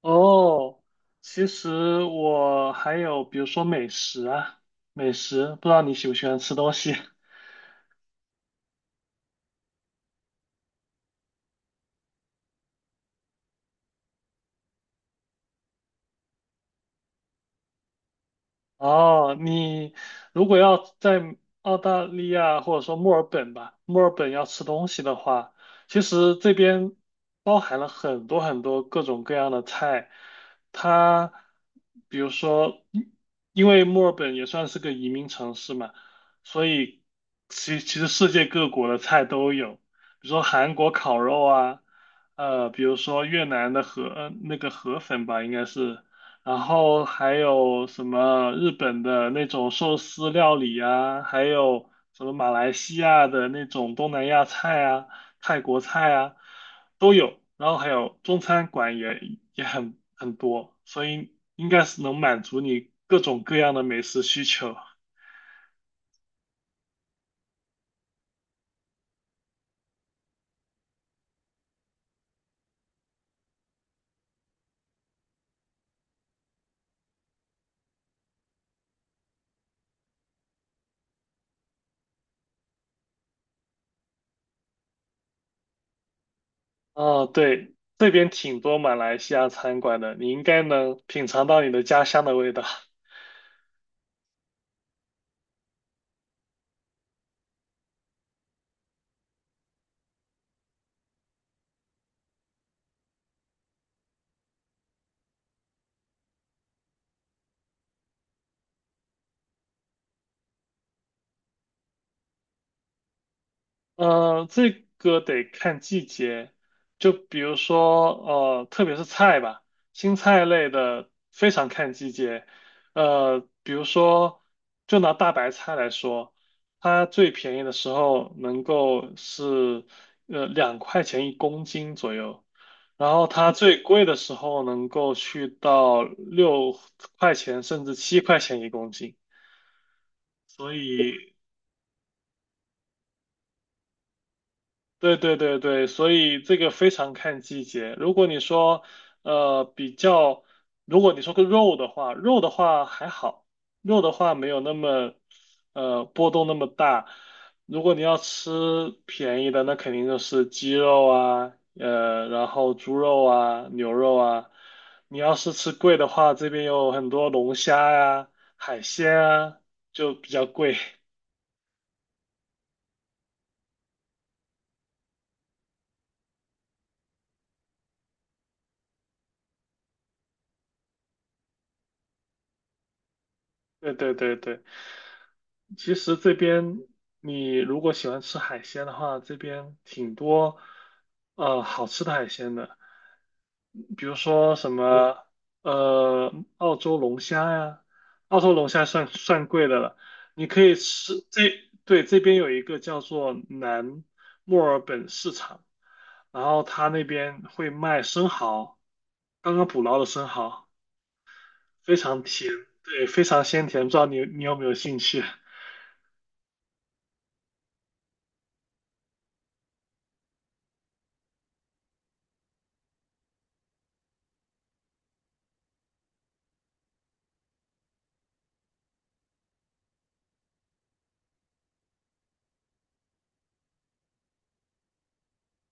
哦，其实我还有，比如说美食啊，不知道你喜不喜欢吃东西。哦，你如果要在澳大利亚或者说墨尔本吧，墨尔本要吃东西的话，其实这边包含了很多很多各种各样的菜。它比如说，因为墨尔本也算是个移民城市嘛，所以其实世界各国的菜都有，比如说韩国烤肉啊，比如说越南的那个河粉吧，应该是。然后还有什么日本的那种寿司料理啊，还有什么马来西亚的那种东南亚菜啊、泰国菜啊，都有。然后还有中餐馆也很多，所以应该是能满足你各种各样的美食需求。哦，对，这边挺多马来西亚餐馆的，你应该能品尝到你的家乡的味道。这个得看季节，就比如说，特别是菜吧，青菜类的非常看季节。比如说，就拿大白菜来说，它最便宜的时候能够是2块钱一公斤左右，然后它最贵的时候能够去到6块钱甚至7块钱一公斤。对对对对，所以这个非常看季节。如果你说，比较，如果你说个肉的话，肉的话还好，肉的话没有那么，波动那么大。如果你要吃便宜的，那肯定就是鸡肉啊，然后猪肉啊，牛肉啊。你要是吃贵的话，这边有很多龙虾呀、海鲜啊，就比较贵。对对对对，其实这边你如果喜欢吃海鲜的话，这边挺多好吃的海鲜的，比如说什么澳洲龙虾呀，澳洲龙虾算贵的了，你可以吃这对，这边有一个叫做南墨尔本市场，然后他那边会卖生蚝，刚刚捕捞的生蚝。非常甜，对，非常鲜甜，不知道你有没有兴趣？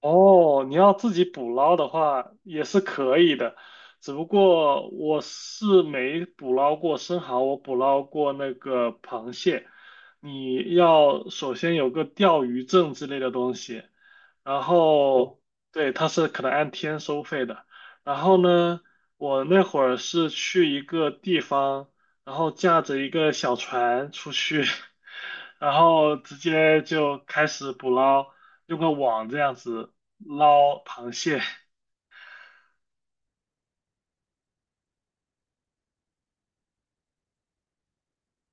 哦，你要自己捕捞的话也是可以的，只不过我是没捕捞过生蚝，我捕捞过那个螃蟹。你要首先有个钓鱼证之类的东西，然后对，它是可能按天收费的。然后呢，我那会儿是去一个地方，然后驾着一个小船出去，然后直接就开始捕捞，用个网这样子捞螃蟹。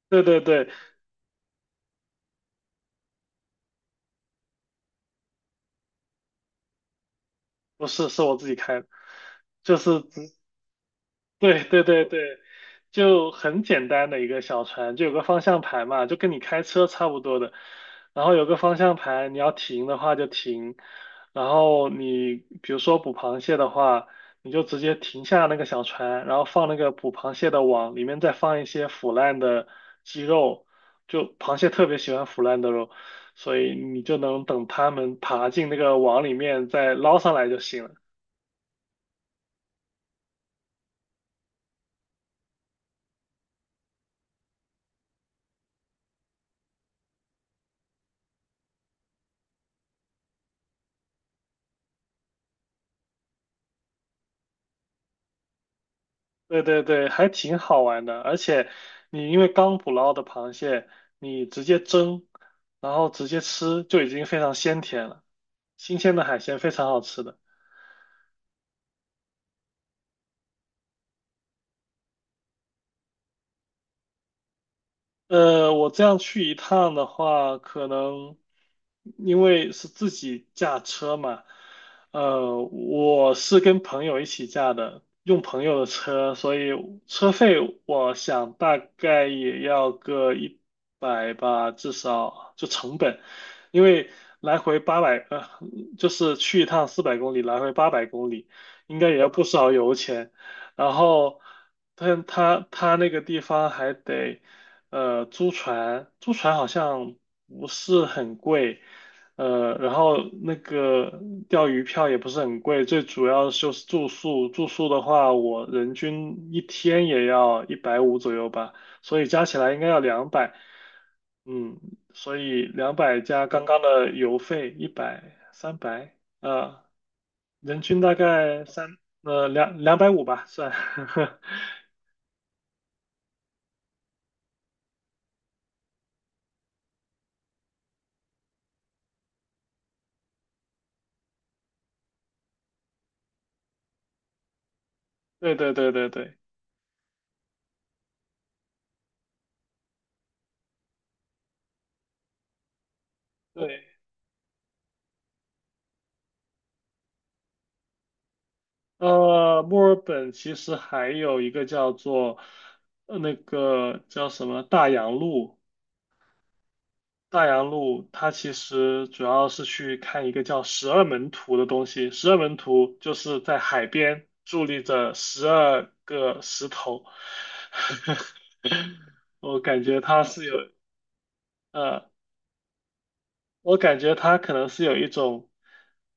对对对，不是，是我自己开的，就是直对对对对，就很简单的一个小船，就有个方向盘嘛，就跟你开车差不多的。然后有个方向盘，你要停的话就停。然后你比如说捕螃蟹的话，你就直接停下那个小船，然后放那个捕螃蟹的网，里面再放一些腐烂的鸡肉，就螃蟹特别喜欢腐烂的肉，所以你就能等它们爬进那个网里面再捞上来就行了。对对对，还挺好玩的。而且你因为刚捕捞的螃蟹，你直接蒸，然后直接吃就已经非常鲜甜了。新鲜的海鲜非常好吃的。我这样去一趟的话，可能因为是自己驾车嘛，我是跟朋友一起驾的，用朋友的车，所以车费我想大概也要个一百吧，至少就成本，因为来回八百，就是去一趟400公里，来回800公里，应该也要不少油钱，然后他那个地方还得。租船好像不是很贵，然后那个钓鱼票也不是很贵，最主要就是住宿，住宿的话，我人均一天也要150左右吧，所以加起来应该要两百，嗯，所以两百加刚刚的油费一百300，呃，人均大概两百五吧，算，对对对对对。对，墨尔本其实还有一个叫做，那个叫什么大洋路，大洋路它其实主要是去看一个叫十二门徒的东西。十二门徒就是在海边伫立着十二个石头，我感觉它是有，呃，我感觉他可能是有一种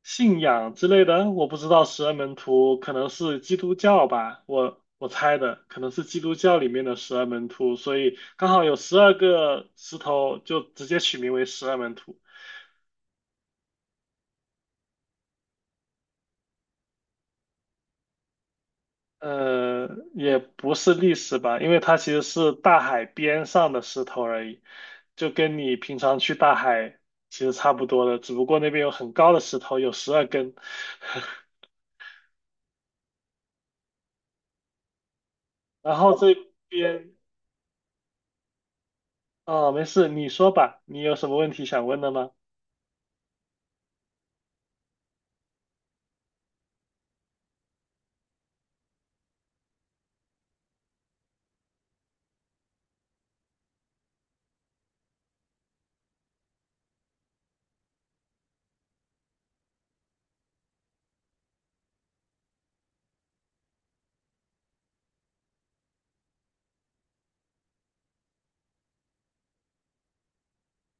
信仰之类的，我不知道十二门徒可能是基督教吧，我猜的可能是基督教里面的十二门徒，所以刚好有十二个石头，就直接取名为十二门徒。呃，也不是历史吧，因为它其实是大海边上的石头而已，就跟你平常去大海其实差不多的，只不过那边有很高的石头，有12根。然后这边哦，没事，你说吧，你有什么问题想问的吗？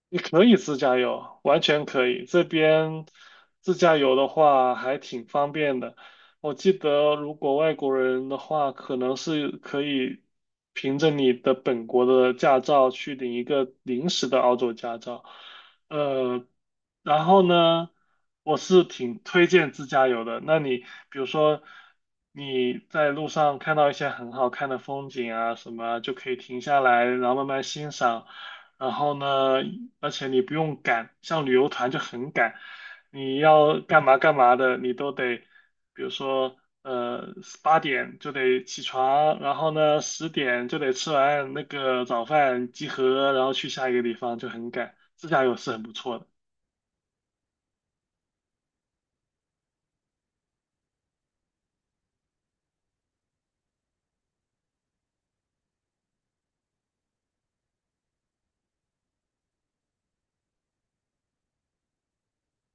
你可以自驾游，完全可以。这边自驾游的话还挺方便的。我记得，如果外国人的话，可能是可以凭着你的本国的驾照去领一个临时的澳洲驾照。呃，然后呢，我是挺推荐自驾游的。那你比如说你在路上看到一些很好看的风景啊什么啊就可以停下来，然后慢慢欣赏。然后呢，而且你不用赶，像旅游团就很赶，你要干嘛干嘛的，你都得，比如说，呃，8点就得起床，然后呢，10点就得吃完那个早饭集合，然后去下一个地方，就很赶。自驾游是很不错的。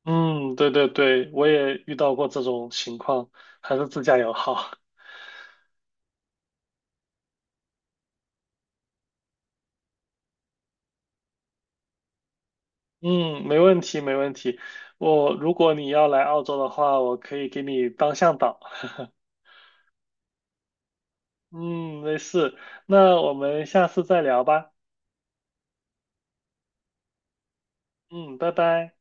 嗯，对对对，我也遇到过这种情况，还是自驾游好。嗯，没问题没问题。我如果你要来澳洲的话，我可以给你当向导。嗯，没事，那我们下次再聊吧。嗯，拜拜。